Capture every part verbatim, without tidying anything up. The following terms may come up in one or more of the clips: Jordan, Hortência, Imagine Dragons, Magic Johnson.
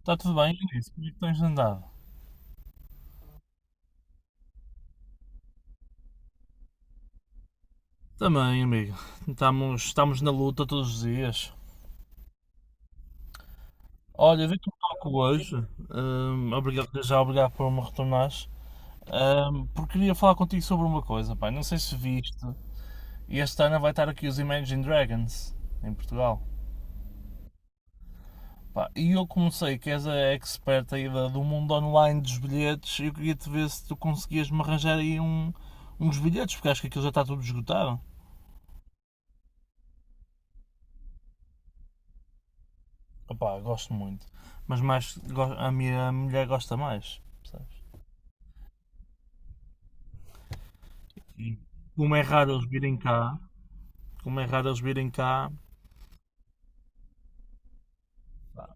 Está tudo bem, Luís? Como é que tens andado? Também, amigo. Estamos, estamos na luta todos os dias. Olha, vi que me toco hoje. hum, obrigado, já obrigado por me retornares. Hum, porque queria falar contigo sobre uma coisa, pá. Não sei se viste. Este ano vai estar aqui os Imagine Dragons, em Portugal. Pá, e eu comecei, que és a expert aí da- do mundo online dos bilhetes, e eu queria te ver se tu conseguias me arranjar aí um, uns bilhetes, porque acho que aquilo já está tudo esgotado. Opa, gosto muito. Mas mais, go- a minha mulher gosta mais, percebes? E como é raro eles virem cá, como é raro eles virem cá, pá,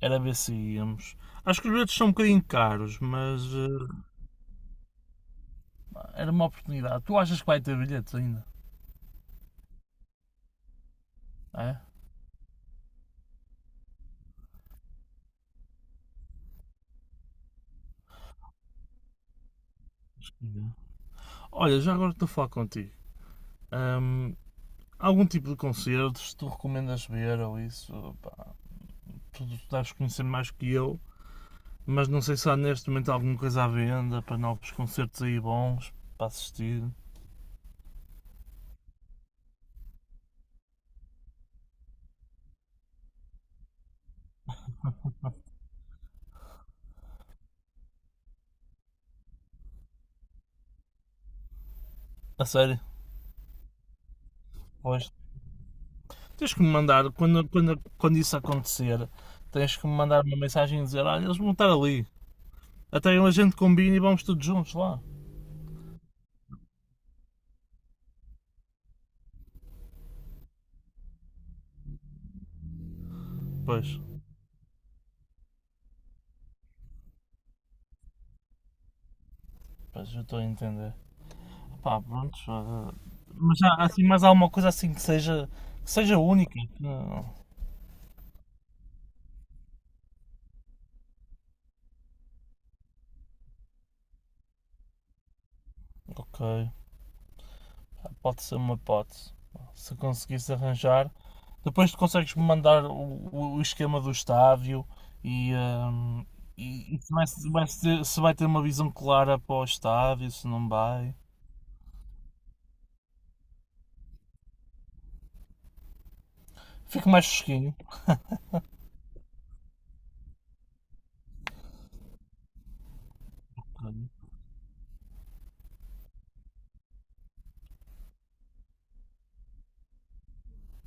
era ver se íamos. Acho que os bilhetes são um bocadinho caros, mas eh, era uma oportunidade. Tu achas que vai ter bilhetes ainda? É? Acho que não. Olha, já agora estou a falar contigo. hum, Algum tipo de concertos tu recomendas ver ou isso? Pá, tu, tu deves conhecer mais que eu. Mas não sei se há neste momento alguma coisa à venda para novos concertos aí bons para assistir. A sério. Pois, tens que me mandar, quando, quando, quando isso acontecer, tens que me mandar uma mensagem e dizer: Olha, eles vão estar ali. Até a gente combina e vamos todos juntos lá. Pois, pois eu estou a entender. Pá, pronto. já- Mas há há assim mais alguma coisa assim que seja, que seja única. Não. Ok, pode ser uma hipótese. Se conseguisse arranjar. Depois tu consegues-me mandar o, o esquema do estádio e, hum, e, e se, vai, se vai ter, se vai ter uma visão clara para o estádio, se não vai. Fico mais fresquinho.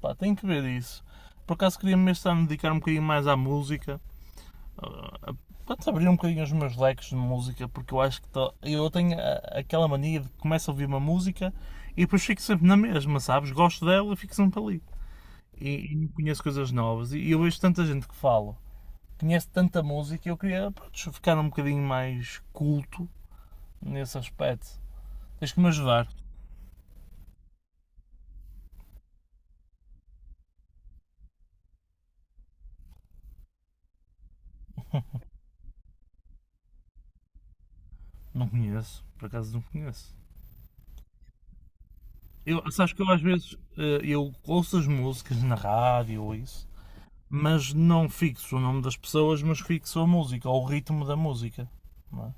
Pá, tenho que ver isso. Por acaso queria mesmo estar a dedicar um bocadinho mais à música. Pode abrir um bocadinho os meus leques de música, porque eu acho que tô- eu tenho a- aquela mania de que começo a ouvir uma música e depois fico sempre na mesma, sabes? Gosto dela e fico sempre ali. e, e conheço coisas novas. E eu vejo tanta gente que fala, conhece tanta música e eu queria, pronto, ficar um bocadinho mais culto nesse aspecto. Tens que me ajudar. Não conheço, por acaso não conheço. Eu, sabes que eu às vezes eh, eu ouço as músicas na rádio ou isso, mas não fixo o nome das pessoas, mas fixo a música ou o ritmo da música, não é?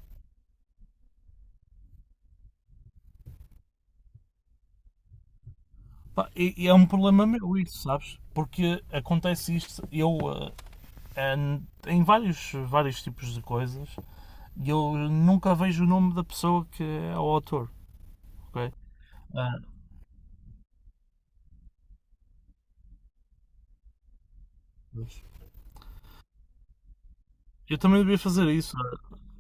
Pá, e, e é um problema meu isso, sabes? Porque acontece isto, eu eh, eh, em vários, vários tipos de coisas, eu nunca vejo o nome da pessoa que é o autor. Ok? Ah, eu também devia fazer isso.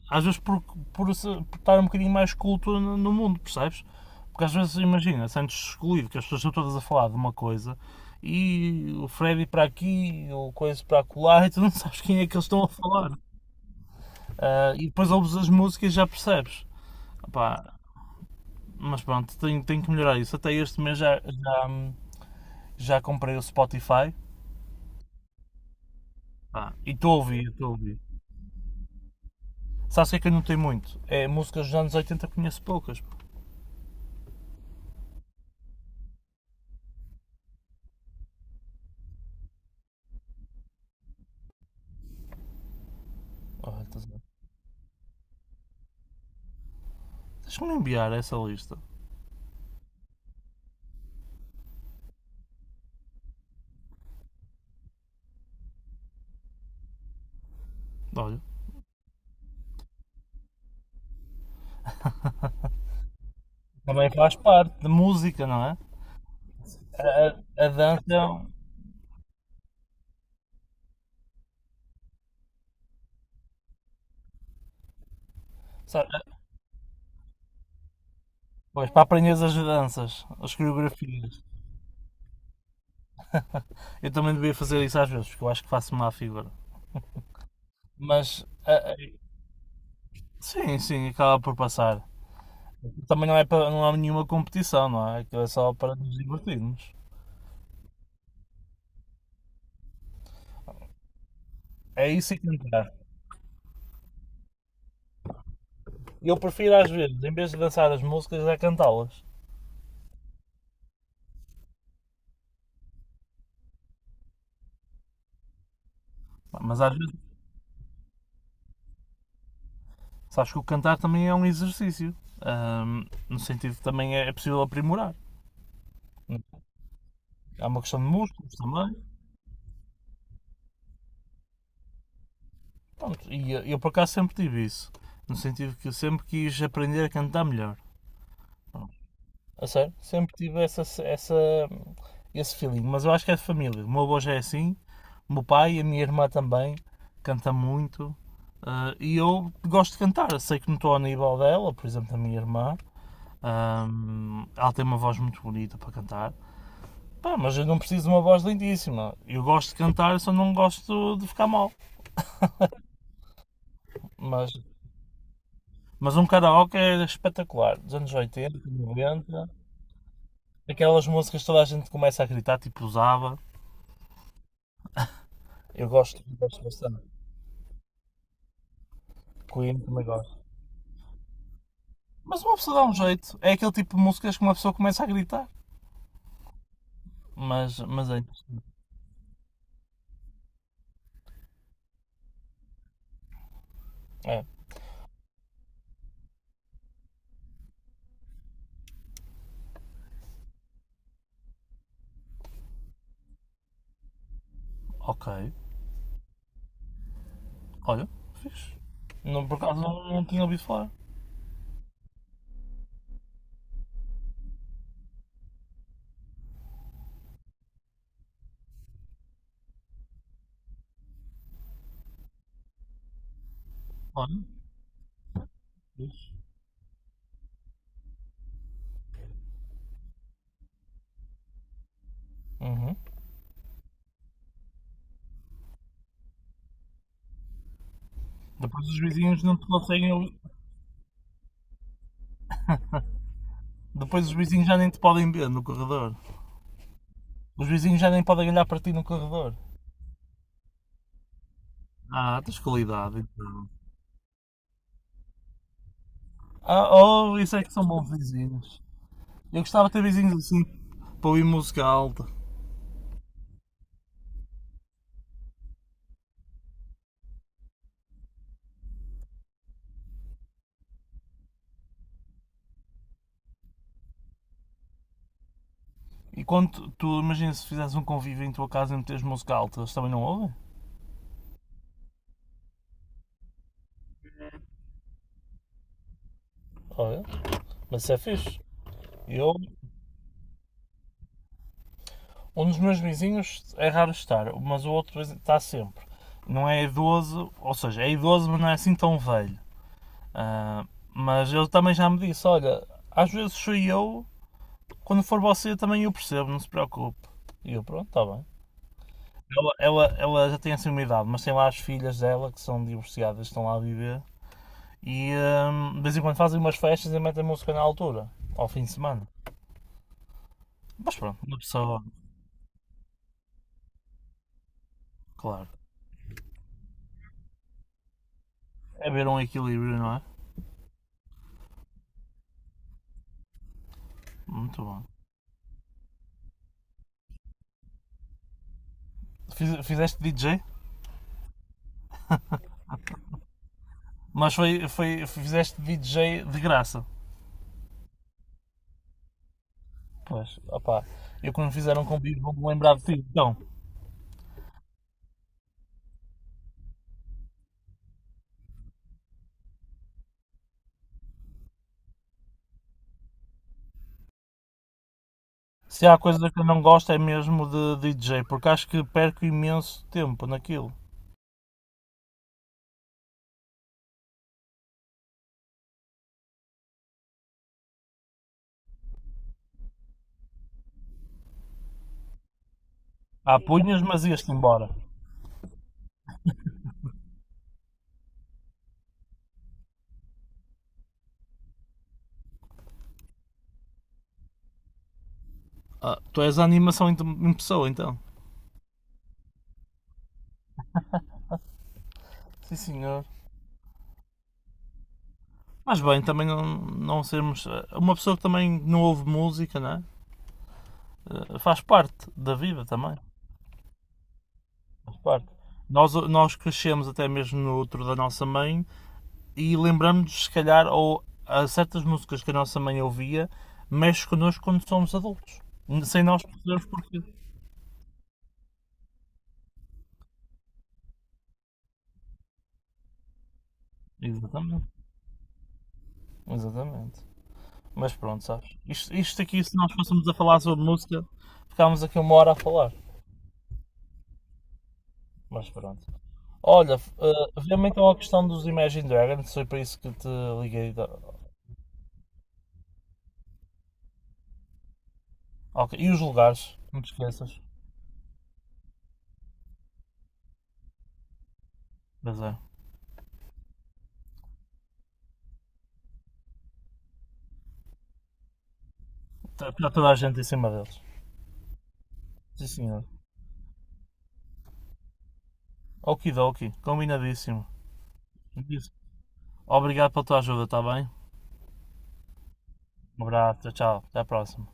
Às vezes por, por, por estar um bocadinho mais culto no, no mundo, percebes? Porque às vezes, imagina, sentes excluído que as pessoas estão todas a falar de uma coisa e o Freddy para aqui, o Coisa para acolá e tu não sabes quem é que eles estão a falar. Ah, e depois ouves as músicas e já percebes. Opá, mas pronto, tenho, tenho que melhorar isso. Até este mês já, já, já comprei o Spotify. Pá, e estou a ouvir, estou a ouvir. Sabes o que é que eu não tenho muito? É músicas dos anos oitenta, conheço poucas. Olha, deixa-me enviar essa lista. Olha. Também faz parte de música, não é? A, a- a dança. É um- sabe. Pois, para aprender as danças, as coreografias. Eu também devia fazer isso às vezes, porque eu acho que faço má figura. Mas. A- a- sim, sim, acaba por passar. Também não é para, não há nenhuma competição, não é? Aquilo é só para nos divertirmos. É isso e cantar. Eu prefiro às vezes, em vez de dançar as músicas, é cantá-las. Mas às vezes Sabes que o cantar também é um exercício. Ahm, no sentido que também é, é possível aprimorar. Há uma questão de músculos também. Pronto, e eu, eu por acaso sempre tive isso. No sentido que eu sempre quis aprender a cantar melhor. Pronto. A sério? Sempre tive essa, essa, esse feeling. Mas eu acho que é de família. O meu avô já é assim. O meu pai e a minha irmã também. Canta muito. Ah, e eu gosto de cantar. Sei que não estou ao nível dela, por exemplo, da minha irmã. Ahm, ela tem uma voz muito bonita para cantar. Pá, mas eu não preciso de uma voz lindíssima. Eu gosto de cantar, só não gosto de ficar mal. Mas, mas um karaoke é espetacular. Dos anos oitenta, noventa, aquelas músicas que toda a gente começa a gritar, tipo usava. Eu gosto, gosto bastante. Queen também gosto. Mas uma pessoa dá um jeito. É aquele tipo de músicas que uma pessoa começa a gritar. Mas, mas é interessante. É. Ok. Olha, fixe. Não, por acaso não, não tinha ouvido falar. Olha, fixe. Uhum. Depois os vizinhos não te conseguem ouvir. Depois os vizinhos já nem te podem ver no corredor. Os vizinhos já nem podem olhar para ti no corredor. Ah, tens qualidade então. Ah, oh, isso é que são bons vizinhos. Eu gostava de ter vizinhos assim para ouvir música alta. E quando tu, tu imagina, se fizesse um convívio em tua casa e meteres música alta, eles também não ouvem? Olha, mas isso é fixe. Eu, um dos meus vizinhos é raro estar, mas o outro está sempre. Não é idoso, ou seja, é idoso, mas não é assim tão velho. Ah, mas ele também já me disse: Olha, às vezes sou eu, quando for você também eu percebo, não se preocupe. E eu, pronto, está bem. Ela, ela, ela já tem assim uma idade, mas tem lá as filhas dela que são divorciadas, estão lá a viver. E hum, de vez em quando fazem umas festas e metem música na altura, ao fim de semana. Mas pronto, uma pessoa, claro. É ver um equilíbrio, não é? Muito bom. Fiz- fizeste D J? Mas foi, foi, fizeste D J de graça. Pois, opá. Eu quando fizeram um convite vou-me lembrar de ti. Então, se há coisa que eu não gosto é mesmo de D J, porque acho que perco imenso tempo naquilo. Há punhas, mas ias-te embora. Ah, tu és a animação em em pessoa, então. Sim, senhor. Mas bem, também não, não sermos. Ah, uma pessoa que também não ouve música, não é? Eh, Faz parte da vida também. Faz parte. Nós, nós crescemos até mesmo no outro da nossa mãe e lembramos-nos, se calhar, ou a certas músicas que a nossa mãe ouvia, mexe connosco quando somos adultos. Sem nós percebermos porquê. Exatamente. Exatamente. Mas pronto, sabes? Isto, isto aqui, se nós fôssemos a falar sobre música, ficámos aqui uma hora a falar. Mas pronto. Olha, uh, vê-me então a questão dos Imagine Dragons, foi para isso que te liguei. Ok, e os lugares, não te esqueças. Pois é. Está está toda a gente em cima deles. Sim, senhor. Okidoki, combinadíssimo. Obrigado pela tua ajuda, está bem? Um abraço, tchau, tchau. Até à próxima.